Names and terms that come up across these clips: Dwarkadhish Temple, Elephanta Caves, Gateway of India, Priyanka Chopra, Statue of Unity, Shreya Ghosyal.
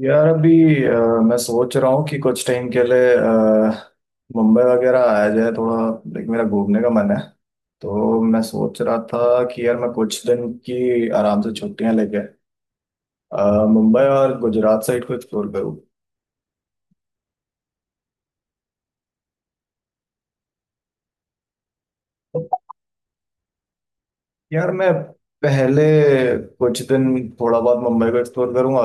यार, अभी अ, मैं सोच रहा हूँ कि कुछ टाइम के लिए मुंबई वगैरह आया जाए थोड़ा। लाइक मेरा घूमने का मन है। तो मैं सोच रहा था कि यार, मैं कुछ दिन की आराम से छुट्टियां लेके मुंबई और गुजरात साइड को एक्सप्लोर करूँ। यार, मैं पहले कुछ दिन थोड़ा बहुत मुंबई को एक्सप्लोर करूंगा।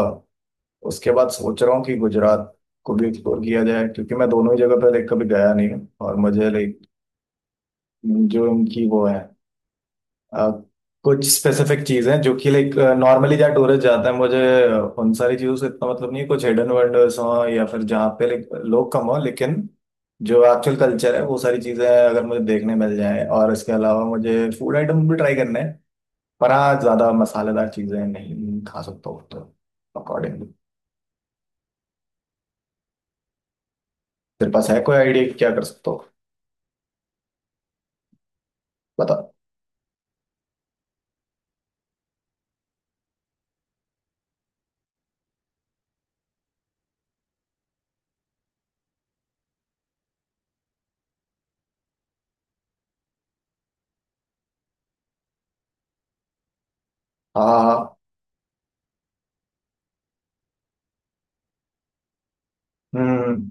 उसके बाद सोच रहा हूँ कि गुजरात को भी एक्सप्लोर किया जाए, क्योंकि मैं दोनों ही जगह पर लाइक कभी गया नहीं हूँ। और मुझे लाइक जो इनकी वो है अ, कुछ स्पेसिफिक चीजें जो कि लाइक नॉर्मली जहाँ टूरिस्ट जाता है, मुझे उन सारी चीजों से इतना मतलब नहीं है। कुछ हिडन वंडर्स हो या फिर जहाँ पे लाइक लोग कम हो, लेकिन जो एक्चुअल कल्चर है वो सारी चीजें अगर मुझे देखने मिल जाए। और इसके अलावा मुझे फूड आइटम भी ट्राई करने हैं। पर हाँ, ज्यादा मसालेदार चीजें नहीं खा सकता हूँ तो अकॉर्डिंगली। तेरे पास है कोई आइडिया क्या कर सकता हो? बता। हाँ, हाँ, हाँ। हम्म।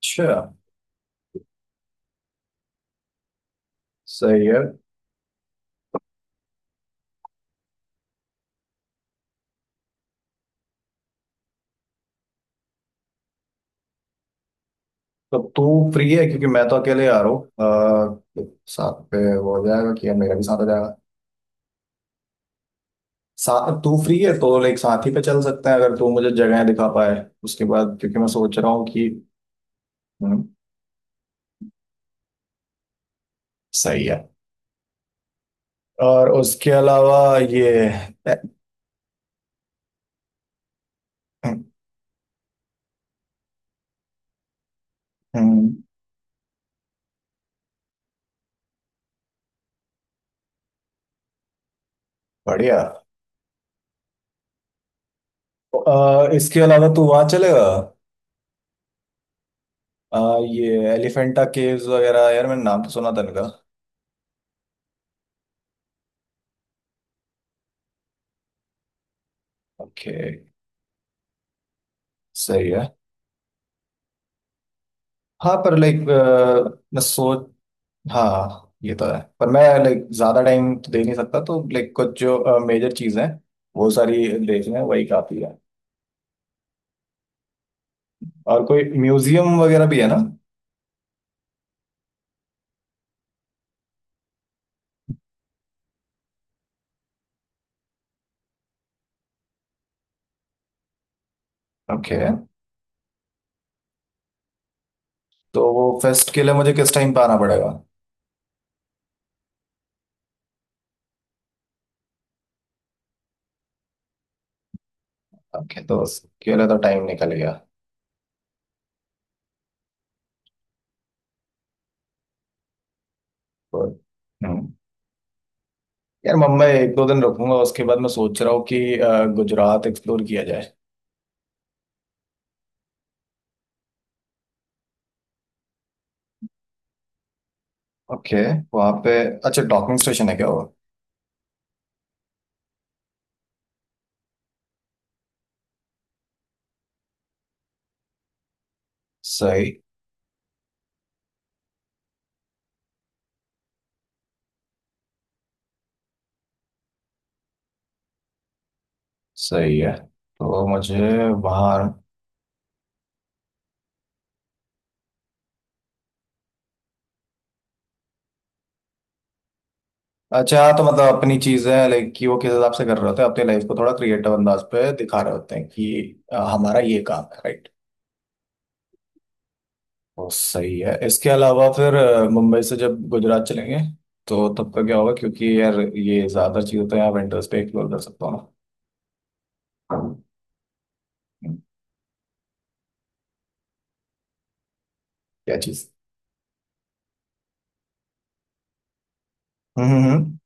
अच्छा। सही है। तो तू फ्री है? क्योंकि मैं तो अकेले आ रहा हूँ साथ पे वो हो जाएगा कि मेरा भी साथ हो जाएगा। साथ तू फ्री है तो लाइक साथ ही पे चल सकते हैं, अगर तू मुझे जगह दिखा पाए उसके बाद। क्योंकि मैं सोच रहा हूँ कि… हम्म, सही है। और उसके अलावा ये… हम्म, बढ़िया। इसके अलावा तू वहाँ चलेगा? ये एलिफेंटा केव्स वगैरह, यार मैंने नाम तो सुना था इनका। ओके। सही है। हाँ पर लाइक मैं सोच हाँ, ये तो है। पर मैं लाइक ज्यादा टाइम तो दे नहीं सकता, तो लाइक कुछ जो मेजर चीजें हैं वो सारी देख लें वही काफी है। और कोई म्यूजियम वगैरह भी है ना? ओके। तो वो फेस्ट के लिए मुझे किस टाइम पे आना पड़ेगा? ओके, तो उसके लिए तो टाइम निकल गया। तो, हम्म यार मुंबई एक दो दिन रुकूंगा। उसके बाद मैं सोच रहा हूँ कि गुजरात एक्सप्लोर किया जाए। ओके। वहाँ पे। अच्छा, डॉकिंग स्टेशन है क्या वो? सही। सही है। तो मुझे वहाँ… अच्छा, हाँ, तो मतलब अपनी चीजें लाइक कि वो किस हिसाब से कर रहे होते हैं, अपनी लाइफ को थोड़ा क्रिएटिव अंदाज पे दिखा रहे होते हैं कि हमारा ये काम है, राइट? बहुत सही है। इसके अलावा फिर मुंबई से जब गुजरात चलेंगे तो तब का क्या होगा? क्योंकि यार, ये ज्यादा चीजें तो यहाँ विंटर्स पे एक्सप्लोर कर सकता हूँ ना। हम्म। क्या चीज? हम्म, हम्म।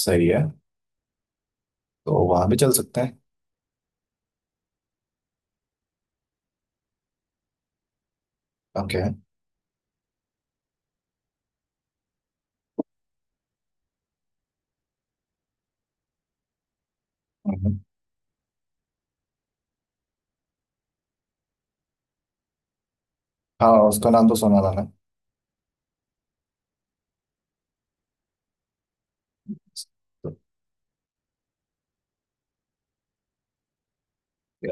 सही है। तो वहां भी चल सकते हैं। ओके। हाँ, उसका नाम तो सुना था ना।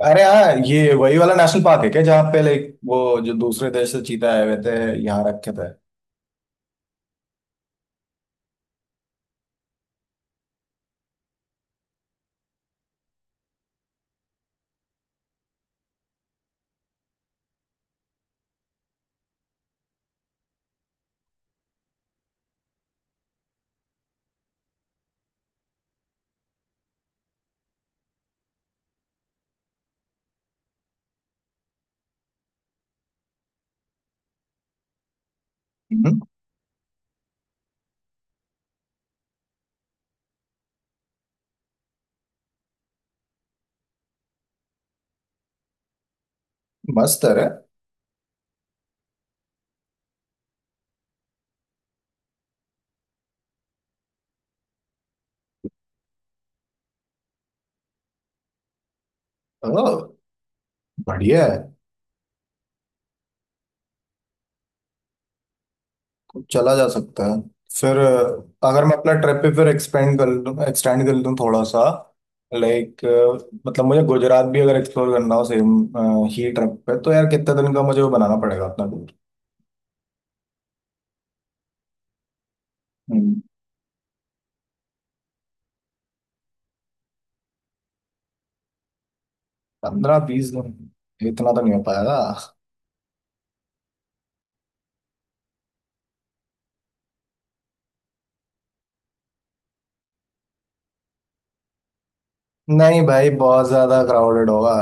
अरे हाँ, ये वही वाला नेशनल पार्क है क्या जहाँ पे लाइक वो जो दूसरे देश से चीता आए हुए थे, यहाँ रखे थे? हम्म, मस्त है रे। ओ, बढ़िया है। चला जा सकता है। फिर अगर मैं अपना ट्रिप पे फिर एक्सपेंड कर लूँ, एक्सटेंड कर लूँ थोड़ा सा, लाइक मतलब मुझे गुजरात भी अगर एक्सप्लोर करना हो सेम ही ट्रिप पे तो यार कितने दिन का मुझे वो बनाना पड़ेगा अपना टूर? 15 20 दिन? इतना तो नहीं हो पाएगा। नहीं भाई, बहुत ज्यादा क्राउडेड होगा।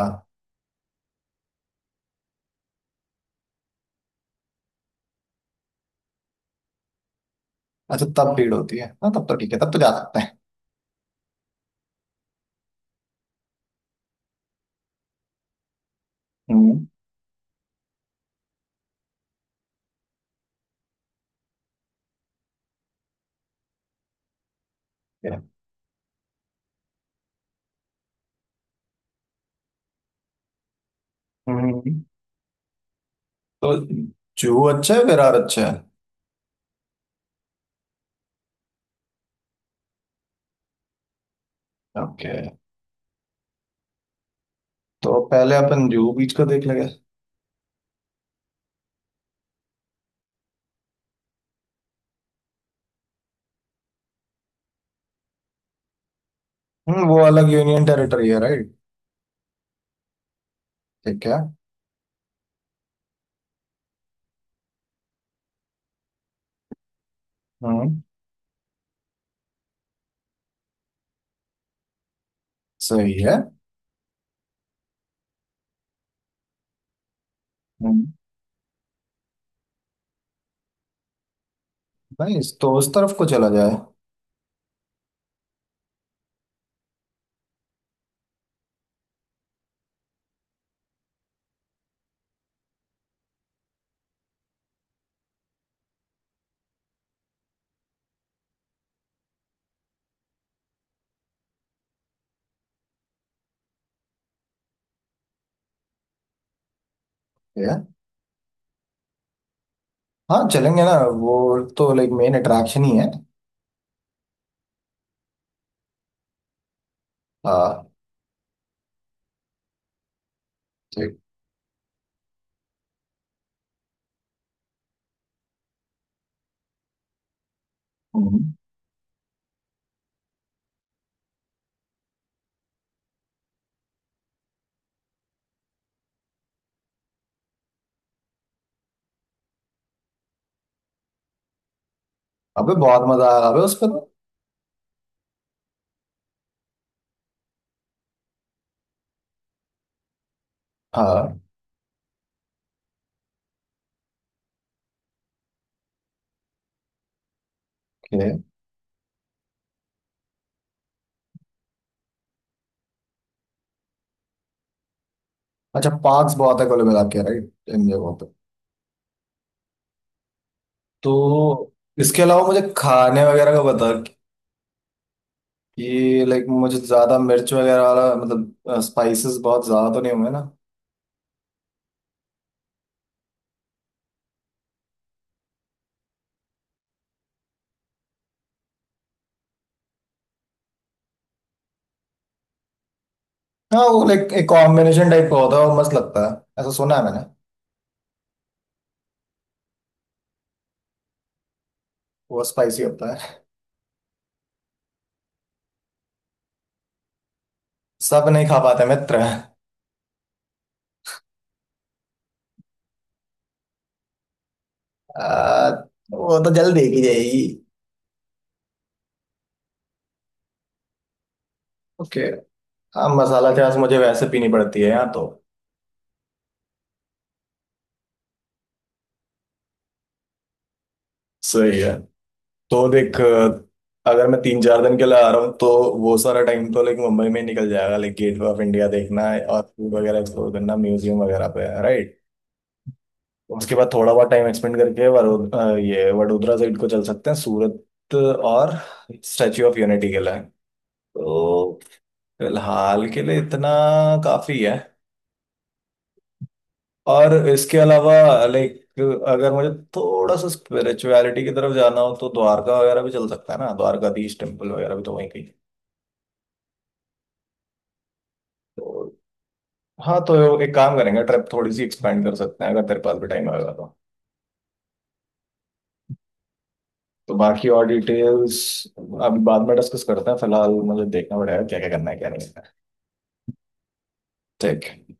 अच्छा, तब भीड़ होती है? हाँ, तब तो ठीक है, तब तो जा सकते हैं। हम्म। ठीक है। हम्म, तो जुहू अच्छा है, विरार अच्छा है? ओके। तो पहले अपन जुहू बीच का देख लेंगे। हम्म, वो अलग यूनियन टेरिटरी है, राइट? ठीक है। हम्म। सही है। हम्म। Nice, तो उस तरफ को चला जाए। ठीक है। हाँ, चलेंगे ना। वो तो लाइक मेन अट्रैक्शन ही है। हाँ। ठीक। हम्म, अबे बहुत मजा आया अबे उस पर। हाँ। ओके। अच्छा, पार्क्स बहुत है कुल मिला के, राइट, इन जगहों पे। तो इसके अलावा मुझे खाने वगैरह का बता कि लाइक मुझे ज्यादा मिर्च वगैरह वाला मतलब स्पाइसेस बहुत ज्यादा तो नहीं होंगे ना? हाँ, वो लाइक एक कॉम्बिनेशन टाइप का होता है और मस्त लगता है। ऐसा सुना है मैंने। वो स्पाइसी होता है। सब नहीं खा पाते मित्र। आ, वो तो जल्द देखी जाएगी। ओके। हाँ, मसाला प्याज मुझे वैसे पीनी पड़ती है यहाँ तो। सही है। तो देख अगर मैं 3 4 दिन के लिए आ रहा हूँ तो वो सारा टाइम तो लाइक मुंबई में ही निकल जाएगा, लाइक गेटवे ऑफ इंडिया देखना है और फूड वगैरह एक्सप्लोर करना, म्यूजियम वगैरह पे, राइट? उसके बाद थोड़ा बहुत टाइम एक्सपेंड करके ये वडोदरा साइड को चल सकते हैं, सूरत और स्टैच्यू ऑफ यूनिटी के लिए तो। फिलहाल के लिए इतना काफी है। और इसके अलावा लाइक अगर मुझे थोड़ा सा स्पिरिचुअलिटी की तरफ जाना हो तो द्वारका वगैरह भी चल सकता है ना? द्वारकाधीश टेम्पल वगैरह भी तो वहीं कहीं। हाँ, तो एक काम करेंगे, ट्रिप थोड़ी सी एक्सपेंड कर सकते हैं, अगर तेरे पास भी टाइम आएगा तो। तो बाकी और डिटेल्स अभी बाद में डिस्कस करते हैं। फिलहाल मुझे देखना पड़ेगा क्या क्या करना है क्या नहीं करना है। ठीक है।